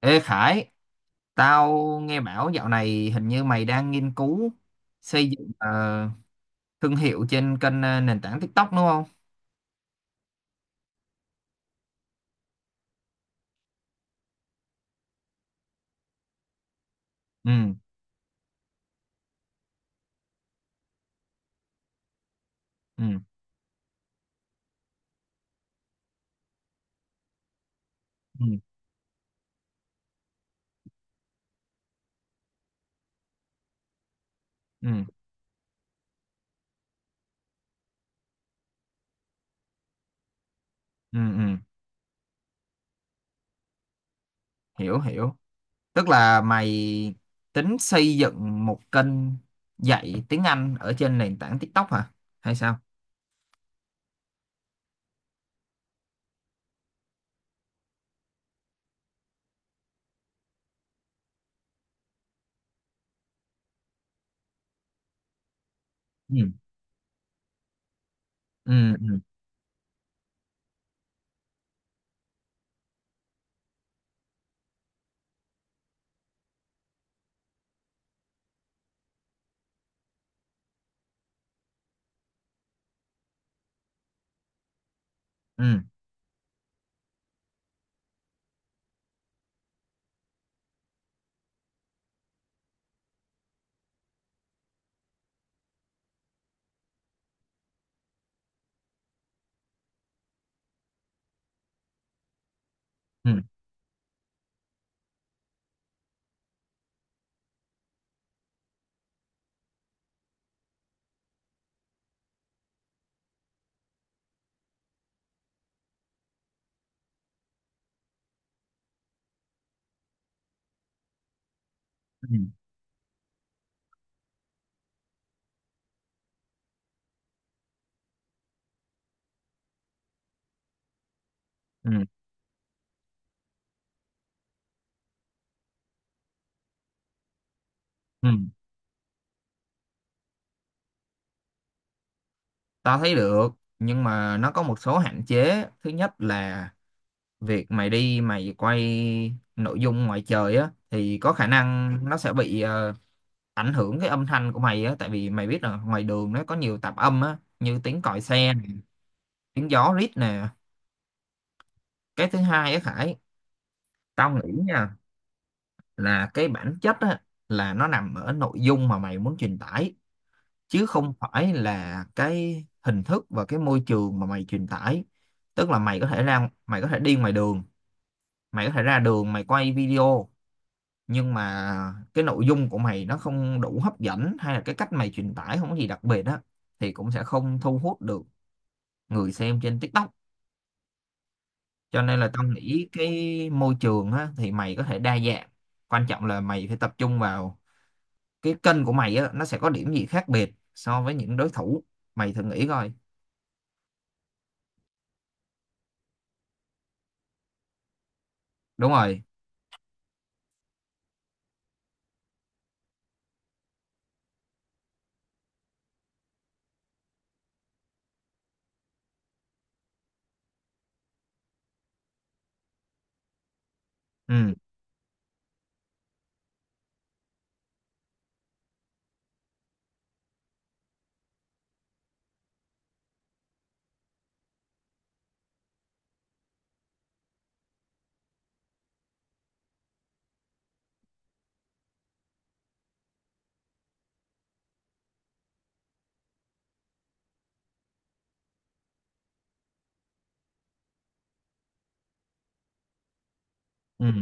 Ê Khải, tao nghe bảo dạo này hình như mày đang nghiên cứu xây dựng thương hiệu trên kênh nền tảng TikTok đúng không? Ừ. Ừ. Ừ. Ừ. Ừ. Ừ. Hiểu hiểu. Tức là mày tính xây dựng một kênh dạy tiếng Anh ở trên nền tảng TikTok hả? Hay sao? Ừ. Ừ. Ừ. Ừ. Ừ. Ừ. Ừ. Ừ. Tao thấy được, nhưng mà nó có một số hạn chế. Thứ nhất là việc mày đi mày quay nội dung ngoài trời á thì có khả năng nó sẽ bị ảnh hưởng cái âm thanh của mày á, tại vì mày biết là ngoài đường nó có nhiều tạp âm á, như tiếng còi xe nè, tiếng gió rít nè. Cái thứ hai á Khải, tao nghĩ nha, là cái bản chất á là nó nằm ở nội dung mà mày muốn truyền tải chứ không phải là cái hình thức và cái môi trường mà mày truyền tải. Tức là mày có thể ra, mày có thể đi ngoài đường, mày có thể ra đường mày quay video, nhưng mà cái nội dung của mày nó không đủ hấp dẫn hay là cái cách mày truyền tải không có gì đặc biệt á thì cũng sẽ không thu hút được người xem trên TikTok. Cho nên là tao nghĩ cái môi trường á thì mày có thể đa dạng, quan trọng là mày phải tập trung vào cái kênh của mày á, nó sẽ có điểm gì khác biệt so với những đối thủ. Mày thử nghĩ coi. Đúng rồi. Ừ. Ừ.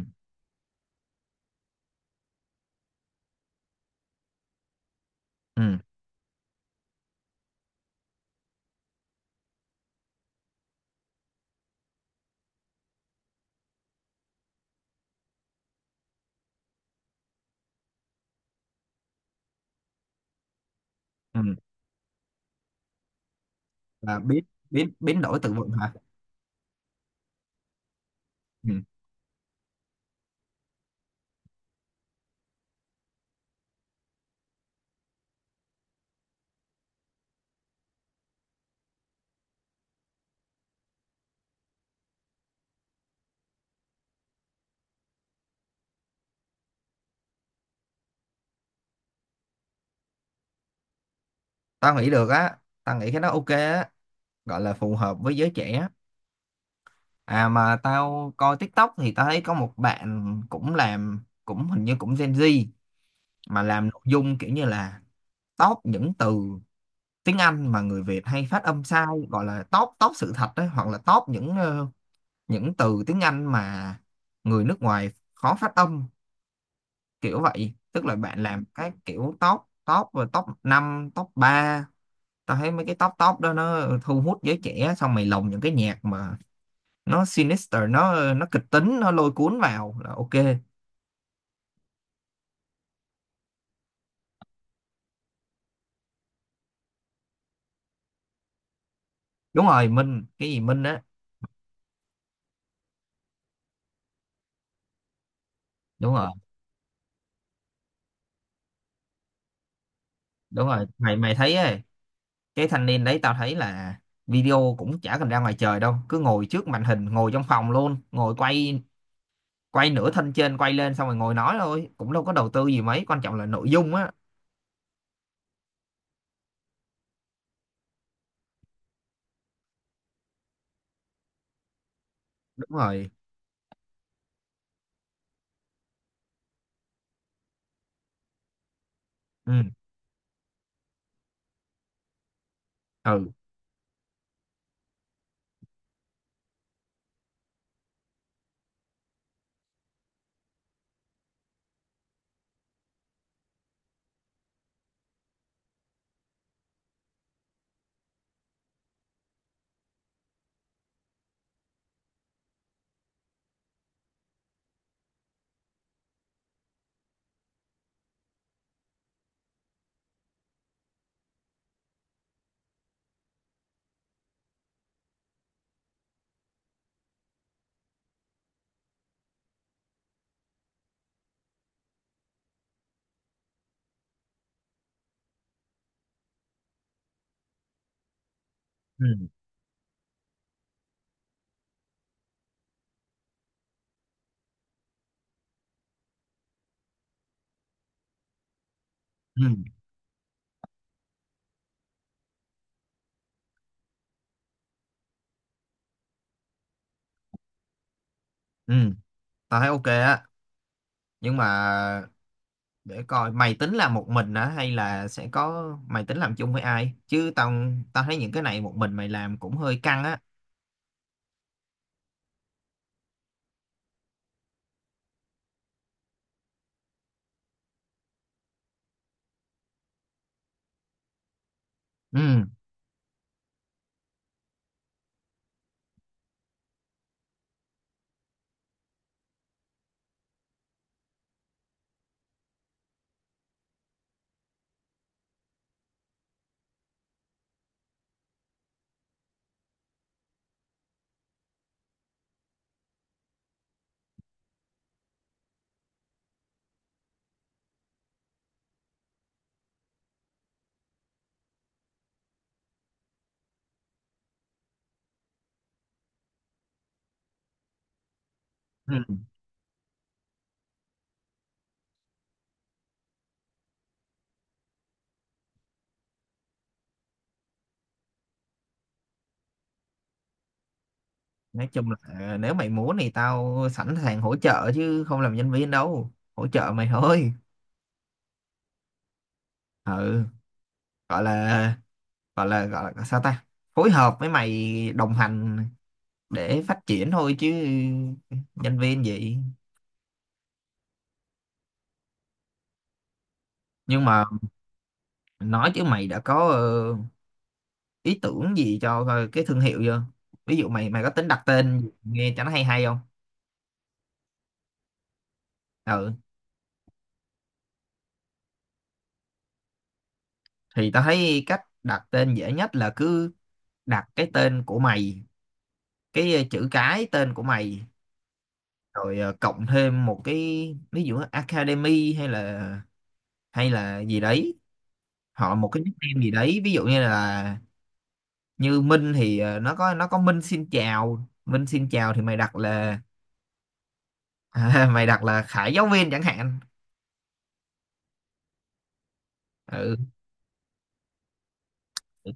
Ừ. Ừ. Là biến biến biến đổi từ vựng hả? Ừ. Tao nghĩ được á, tao nghĩ cái đó ok á, gọi là phù hợp với giới trẻ. À mà tao coi TikTok thì tao thấy có một bạn cũng làm, cũng hình như cũng Gen Z, mà làm nội dung kiểu như là top những từ tiếng Anh mà người Việt hay phát âm sai, gọi là top top sự thật đấy, hoặc là top những những từ tiếng Anh mà người nước ngoài khó phát âm, kiểu vậy. Tức là bạn làm cái kiểu top top và top 5 top 3. Tao thấy mấy cái top top đó nó thu hút giới trẻ, xong mày lồng những cái nhạc mà nó sinister, nó kịch tính, nó lôi cuốn vào là ok. Đúng rồi. Minh cái gì Minh á. Đúng rồi. Đúng rồi. Mày mày thấy ấy, cái thanh niên đấy tao thấy là video cũng chả cần ra ngoài trời đâu, cứ ngồi trước màn hình, ngồi trong phòng luôn, ngồi quay, quay nửa thân trên quay lên xong rồi ngồi nói thôi, cũng đâu có đầu tư gì mấy, quan trọng là nội dung á. Đúng rồi. Ừ. Ừ. Ừ. Ừ. Ừ. Tao thấy ok á, nhưng mà để coi mày tính làm một mình hả, hay là sẽ có mày tính làm chung với ai, chứ tao tao thấy những cái này một mình mày làm cũng hơi căng á. Ừ. Ừ nói chung là nếu mày muốn thì tao sẵn sàng hỗ trợ chứ không làm nhân viên đâu, hỗ trợ mày thôi. Ừ. gọi là gọi là sao ta, phối hợp với mày, đồng hành để phát triển thôi chứ nhân viên gì. Nhưng mà nói chứ mày đã có ý tưởng gì cho coi cái thương hiệu chưa? Ví dụ mày mày có tính đặt tên nghe cho nó hay hay không? Ừ. Thì tao thấy cách đặt tên dễ nhất là cứ đặt cái tên của mày, cái chữ cái tên của mày, rồi cộng thêm một cái, ví dụ academy, hay là gì đấy, hoặc là một cái nickname gì đấy, ví dụ như là như Minh thì nó có, nó có Minh xin chào, Minh xin chào, thì mày đặt là mày đặt là Khải giáo viên chẳng hạn. Ừ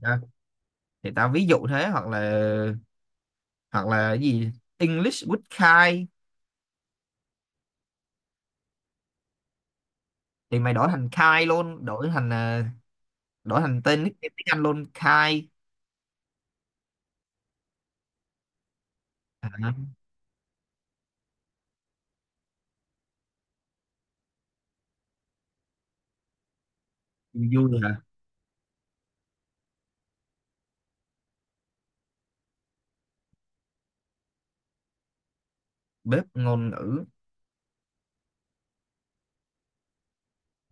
thì tao ví dụ thế, hoặc là cái gì English with Kai, thì mày đổi thành Kai luôn, đổi thành đổi thành tên nick tiếng Anh luôn Kai. À, vui hả? Bếp ngôn ngữ.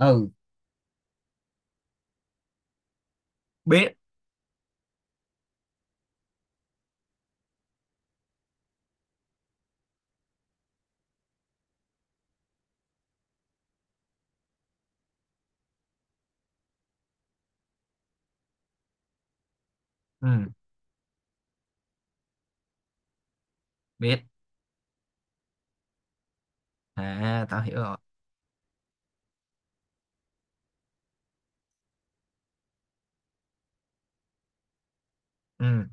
Ừ. Biết. Ừ. Biết. À tao hiểu rồi. Ừ.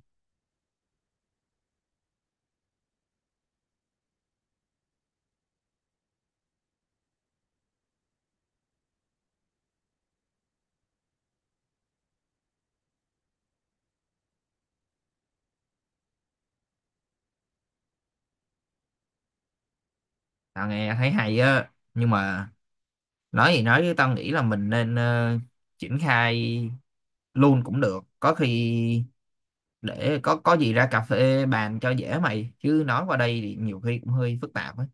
Tao nghe thấy hay á, nhưng mà nói gì nói chứ tao nghĩ là mình nên triển khai luôn cũng được có khi, để có gì ra cà phê bàn cho dễ mày, chứ nói qua đây thì nhiều khi cũng hơi phức tạp á.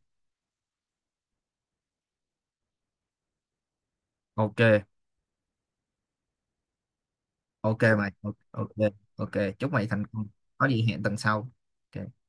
Ok. Ok mày. Ok. Ok. Ok. Chúc mày thành công. Có gì hẹn tuần sau. Ok.